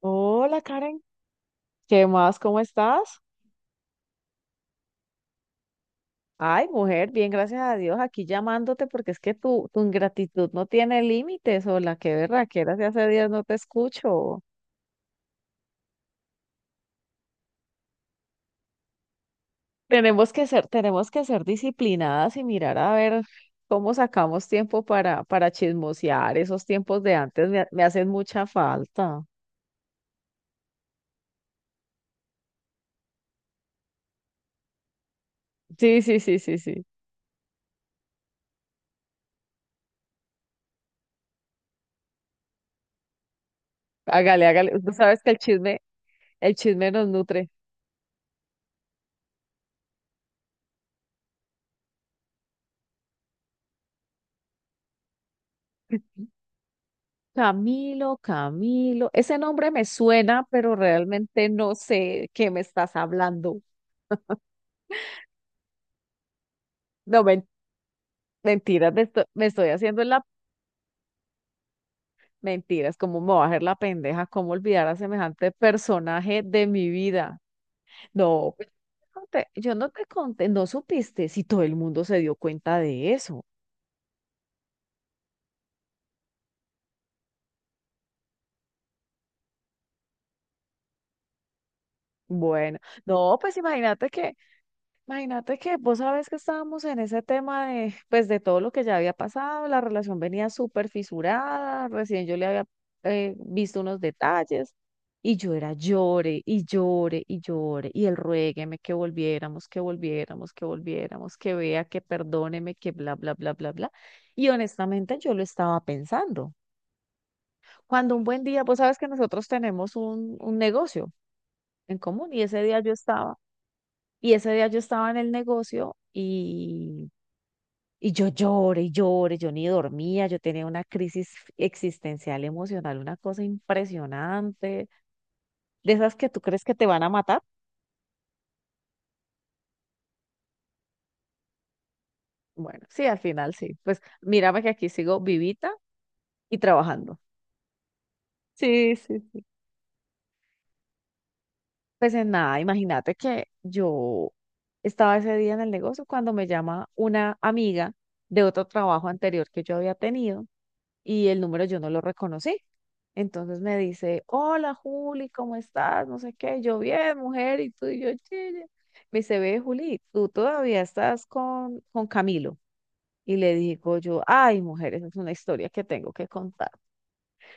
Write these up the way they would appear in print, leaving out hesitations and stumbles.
Hola, Karen, ¿qué más? ¿Cómo estás? Ay, mujer, bien, gracias a Dios, aquí llamándote porque es que tu ingratitud no tiene límites. Hola, qué berraquera, si hace días no te escucho. Tenemos que ser disciplinadas y mirar a ver cómo sacamos tiempo para chismosear. Esos tiempos de antes me hacen mucha falta. Sí, sí, sí, sí, sí. Hágale, hágale. Tú sabes que el chisme nos nutre. Camilo, Camilo, ese nombre me suena, pero realmente no sé qué me estás hablando. No, mentiras, me estoy haciendo la mentiras, cómo me voy a hacer la pendeja, cómo olvidar a semejante personaje de mi vida. No, pues, yo no te conté, no supiste, si todo el mundo se dio cuenta de eso. Bueno, no, pues imagínate que vos sabes que estábamos en ese tema de, pues, de todo lo que ya había pasado. La relación venía súper fisurada, recién yo le había visto unos detalles, y yo era llore y llore y llore, y él ruégueme que volviéramos, que volviéramos, que volviéramos, que vea, que perdóneme, que bla, bla, bla, bla, bla. Y honestamente yo lo estaba pensando. Cuando un buen día, vos sabes que nosotros tenemos un negocio en común, y ese día yo estaba en el negocio, y yo lloré y lloré, yo ni dormía, yo tenía una crisis existencial emocional, una cosa impresionante, de esas que tú crees que te van a matar. Bueno, sí, al final sí. Pues mírame que aquí sigo vivita y trabajando. Sí, sí, sí. Pues en nada, imagínate que yo estaba ese día en el negocio cuando me llama una amiga de otro trabajo anterior que yo había tenido, y el número yo no lo reconocí. Entonces me dice, hola Juli, ¿cómo estás? No sé qué, yo bien, mujer, y tú y yo, chile. Me dice, ve Juli, tú todavía estás con Camilo. Y le digo yo, ay mujer, esa es una historia que tengo que contar.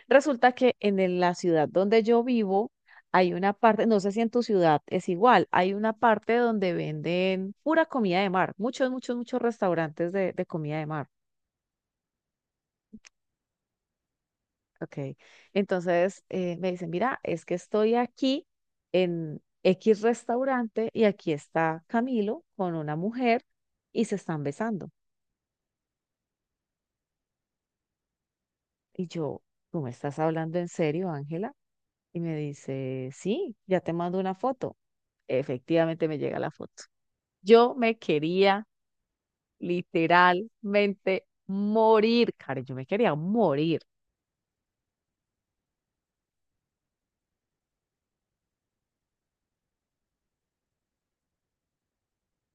Resulta que en la ciudad donde yo vivo hay una parte, no sé si en tu ciudad es igual, hay una parte donde venden pura comida de mar, muchos, muchos, muchos restaurantes de comida de mar. Ok, entonces me dicen, mira, es que estoy aquí en X restaurante y aquí está Camilo con una mujer, y se están besando. Y yo, ¿tú me estás hablando en serio, Ángela? Y me dice, sí, ya te mando una foto. Efectivamente me llega la foto. Yo me quería literalmente morir, Karen, yo me quería morir.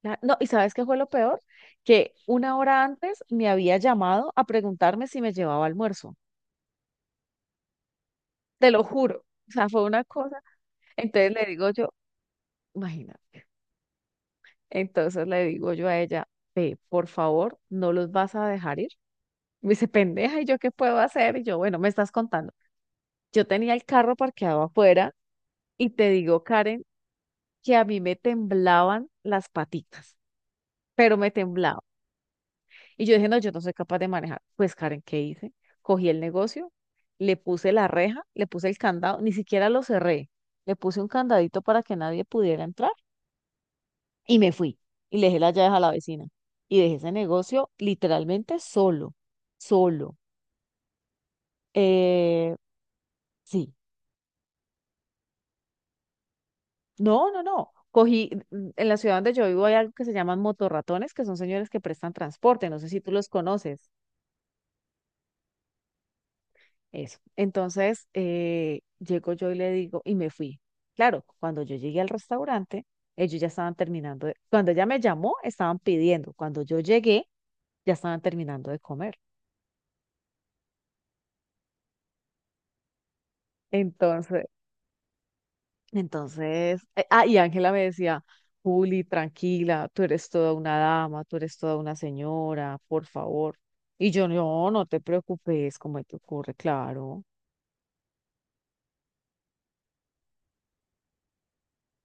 Ya, no, ¿y sabes qué fue lo peor? Que una hora antes me había llamado a preguntarme si me llevaba almuerzo. Te lo juro. O sea, fue una cosa. Entonces le digo yo, imagínate. Entonces le digo yo a ella: "Ve, por favor, no los vas a dejar ir." Me dice, pendeja, ¿y yo qué puedo hacer? Y yo, bueno, me estás contando. Yo tenía el carro parqueado afuera, y te digo, Karen, que a mí me temblaban las patitas, pero me temblaban. Y yo dije, no, yo no soy capaz de manejar. Pues Karen, ¿qué hice? Cogí el negocio, le puse la reja, le puse el candado, ni siquiera lo cerré. Le puse un candadito para que nadie pudiera entrar, y me fui. Y le dejé las llaves a la vecina. Y dejé ese negocio literalmente solo, solo. Eh, sí, no, no, no. Cogí, en la ciudad donde yo vivo hay algo que se llaman motorratones, que son señores que prestan transporte. No sé si tú los conoces. Eso. Entonces, llego yo y me fui. Claro, cuando yo llegué al restaurante, ellos ya estaban cuando ella me llamó, estaban pidiendo. Cuando yo llegué, ya estaban terminando de comer. Entonces, entonces, y Ángela me decía, Juli, tranquila, tú eres toda una dama, tú eres toda una señora, por favor. Y yo, no, no te preocupes, como te ocurre, claro.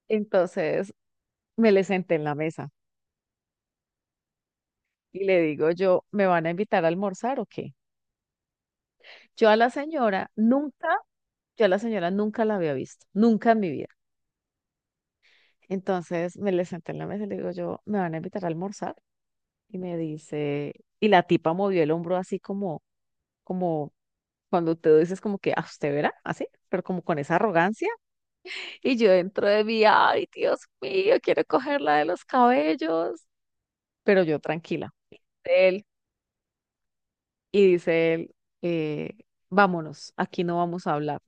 Entonces, me le senté en la mesa y le digo yo, ¿me van a invitar a almorzar o qué? Yo a la señora nunca, yo a la señora nunca la había visto, nunca en mi vida. Entonces me le senté en la mesa y le digo yo, ¿me van a invitar a almorzar? Y me dice, y la tipa movió el hombro así como cuando te dices como que, a usted verá, así, pero como con esa arrogancia. Y yo dentro de mí, ay, Dios mío, quiero cogerla de los cabellos. Pero yo tranquila. Él, y dice él, eh, vámonos, aquí no vamos a hablar.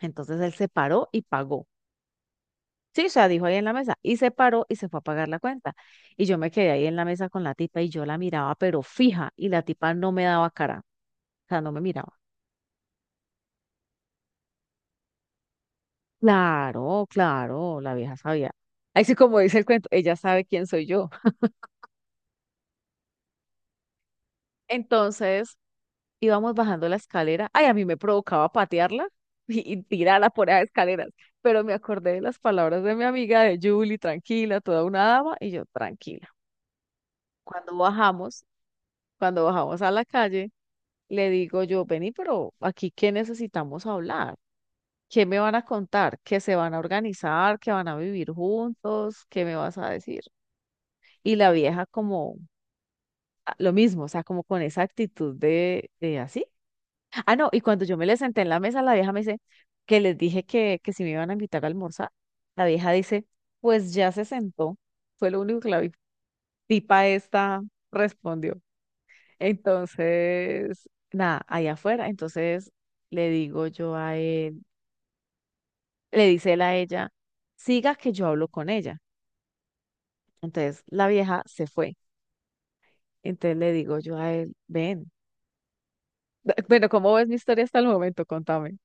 Entonces él se paró y pagó. Sí, o sea, dijo ahí en la mesa y se paró y se fue a pagar la cuenta. Y yo me quedé ahí en la mesa con la tipa, y yo la miraba, pero fija, y la tipa no me daba cara, o sea, no me miraba. Claro, claro, la vieja sabía. Así como dice el cuento, ella sabe quién soy yo. Entonces íbamos bajando la escalera. Ay, a mí me provocaba patearla y tirarla por las escaleras. Pero me acordé de las palabras de mi amiga, de Julie, tranquila, toda una dama, y yo tranquila. Cuando bajamos, cuando bajamos a la calle, le digo yo, vení, pero aquí qué necesitamos hablar, qué me van a contar, que se van a organizar, que van a vivir juntos, qué me vas a decir. Y la vieja como lo mismo, o sea, como con esa actitud de así. Ah, no, y cuando yo me le senté en la mesa, la vieja me dice que les dije que si me iban a invitar a almorzar, la vieja dice, pues ya se sentó, fue lo único que tipa esta respondió. Entonces, nada, allá afuera. Entonces le digo yo a él, le dice él a ella, siga que yo hablo con ella. Entonces la vieja se fue. Entonces le digo yo a él, ven. Bueno, ¿cómo ves mi historia hasta el momento? Contame.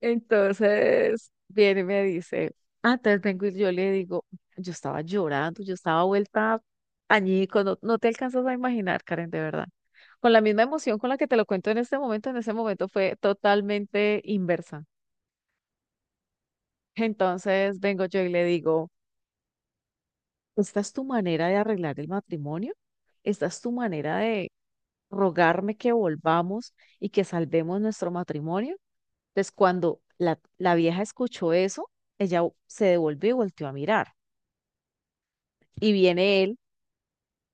Entonces viene y me dice, entonces vengo y yo le digo, yo estaba llorando, yo estaba vuelta añico, no, no te alcanzas a imaginar, Karen, de verdad. Con la misma emoción con la que te lo cuento en este momento, en ese momento fue totalmente inversa. Entonces vengo yo y le digo, ¿esta es tu manera de arreglar el matrimonio? ¿Esta es tu manera de rogarme que volvamos y que salvemos nuestro matrimonio? Entonces, cuando la vieja escuchó eso, ella se devolvió y volteó a mirar. Y viene él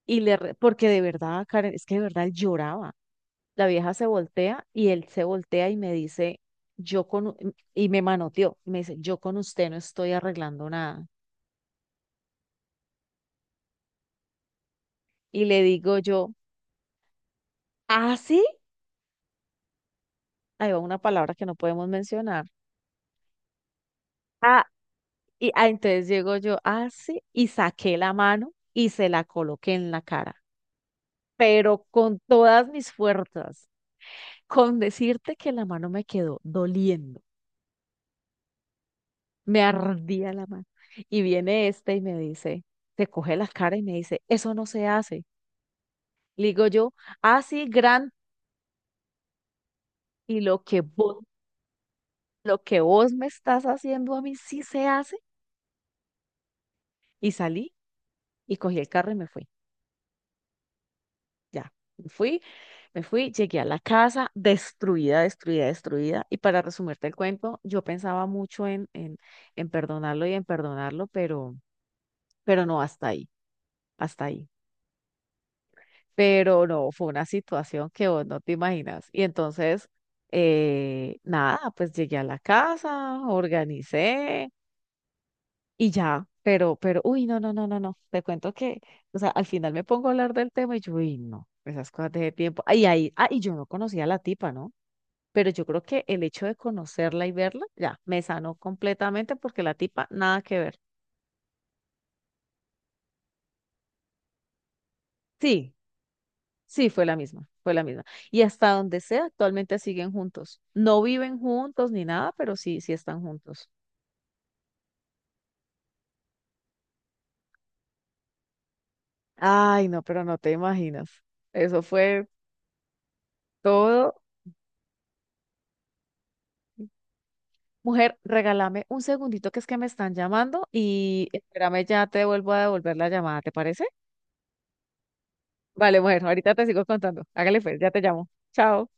porque de verdad, Karen, es que de verdad él lloraba. La vieja se voltea y él se voltea y me dice, y me manoteó, y me dice, yo con usted no estoy arreglando nada. Y le digo yo, ¿ah, sí? Ahí va una palabra que no podemos mencionar. Ah, entonces llego yo, ah, sí, y saqué la mano y se la coloqué en la cara, pero con todas mis fuerzas. Con decirte que la mano me quedó doliendo, me ardía la mano. Y viene este y me dice, te coge la cara y me dice, eso no se hace. Le digo yo, así gran, y lo que vos me estás haciendo a mí sí se hace. Y salí y cogí el carro y me fui. Ya, me fui, llegué a la casa destruida, destruida, destruida. Y para resumirte el cuento, yo pensaba mucho en perdonarlo, y en perdonarlo, pero no hasta ahí, hasta ahí. Pero no, fue una situación que vos no te imaginas. Y entonces, nada, pues llegué a la casa, organicé y ya. Pero, uy, no, no, no, no, no. Te cuento que, o sea, al final me pongo a hablar del tema, y yo, uy, no, esas cosas de tiempo. Ay, ahí y yo no conocía a la tipa, ¿no? Pero yo creo que el hecho de conocerla y verla, ya, me sanó completamente, porque la tipa, nada que ver. Sí, sí, fue la misma, fue la misma. Y hasta donde sea, actualmente siguen juntos. No viven juntos ni nada, pero sí, sí están juntos. Ay, no, pero no te imaginas. Eso fue todo. Mujer, regálame un segundito que es que me están llamando, y espérame, ya te vuelvo a devolver la llamada, ¿te parece? Vale, mujer, ahorita te sigo contando. Hágale pues, ya te llamo. Chao.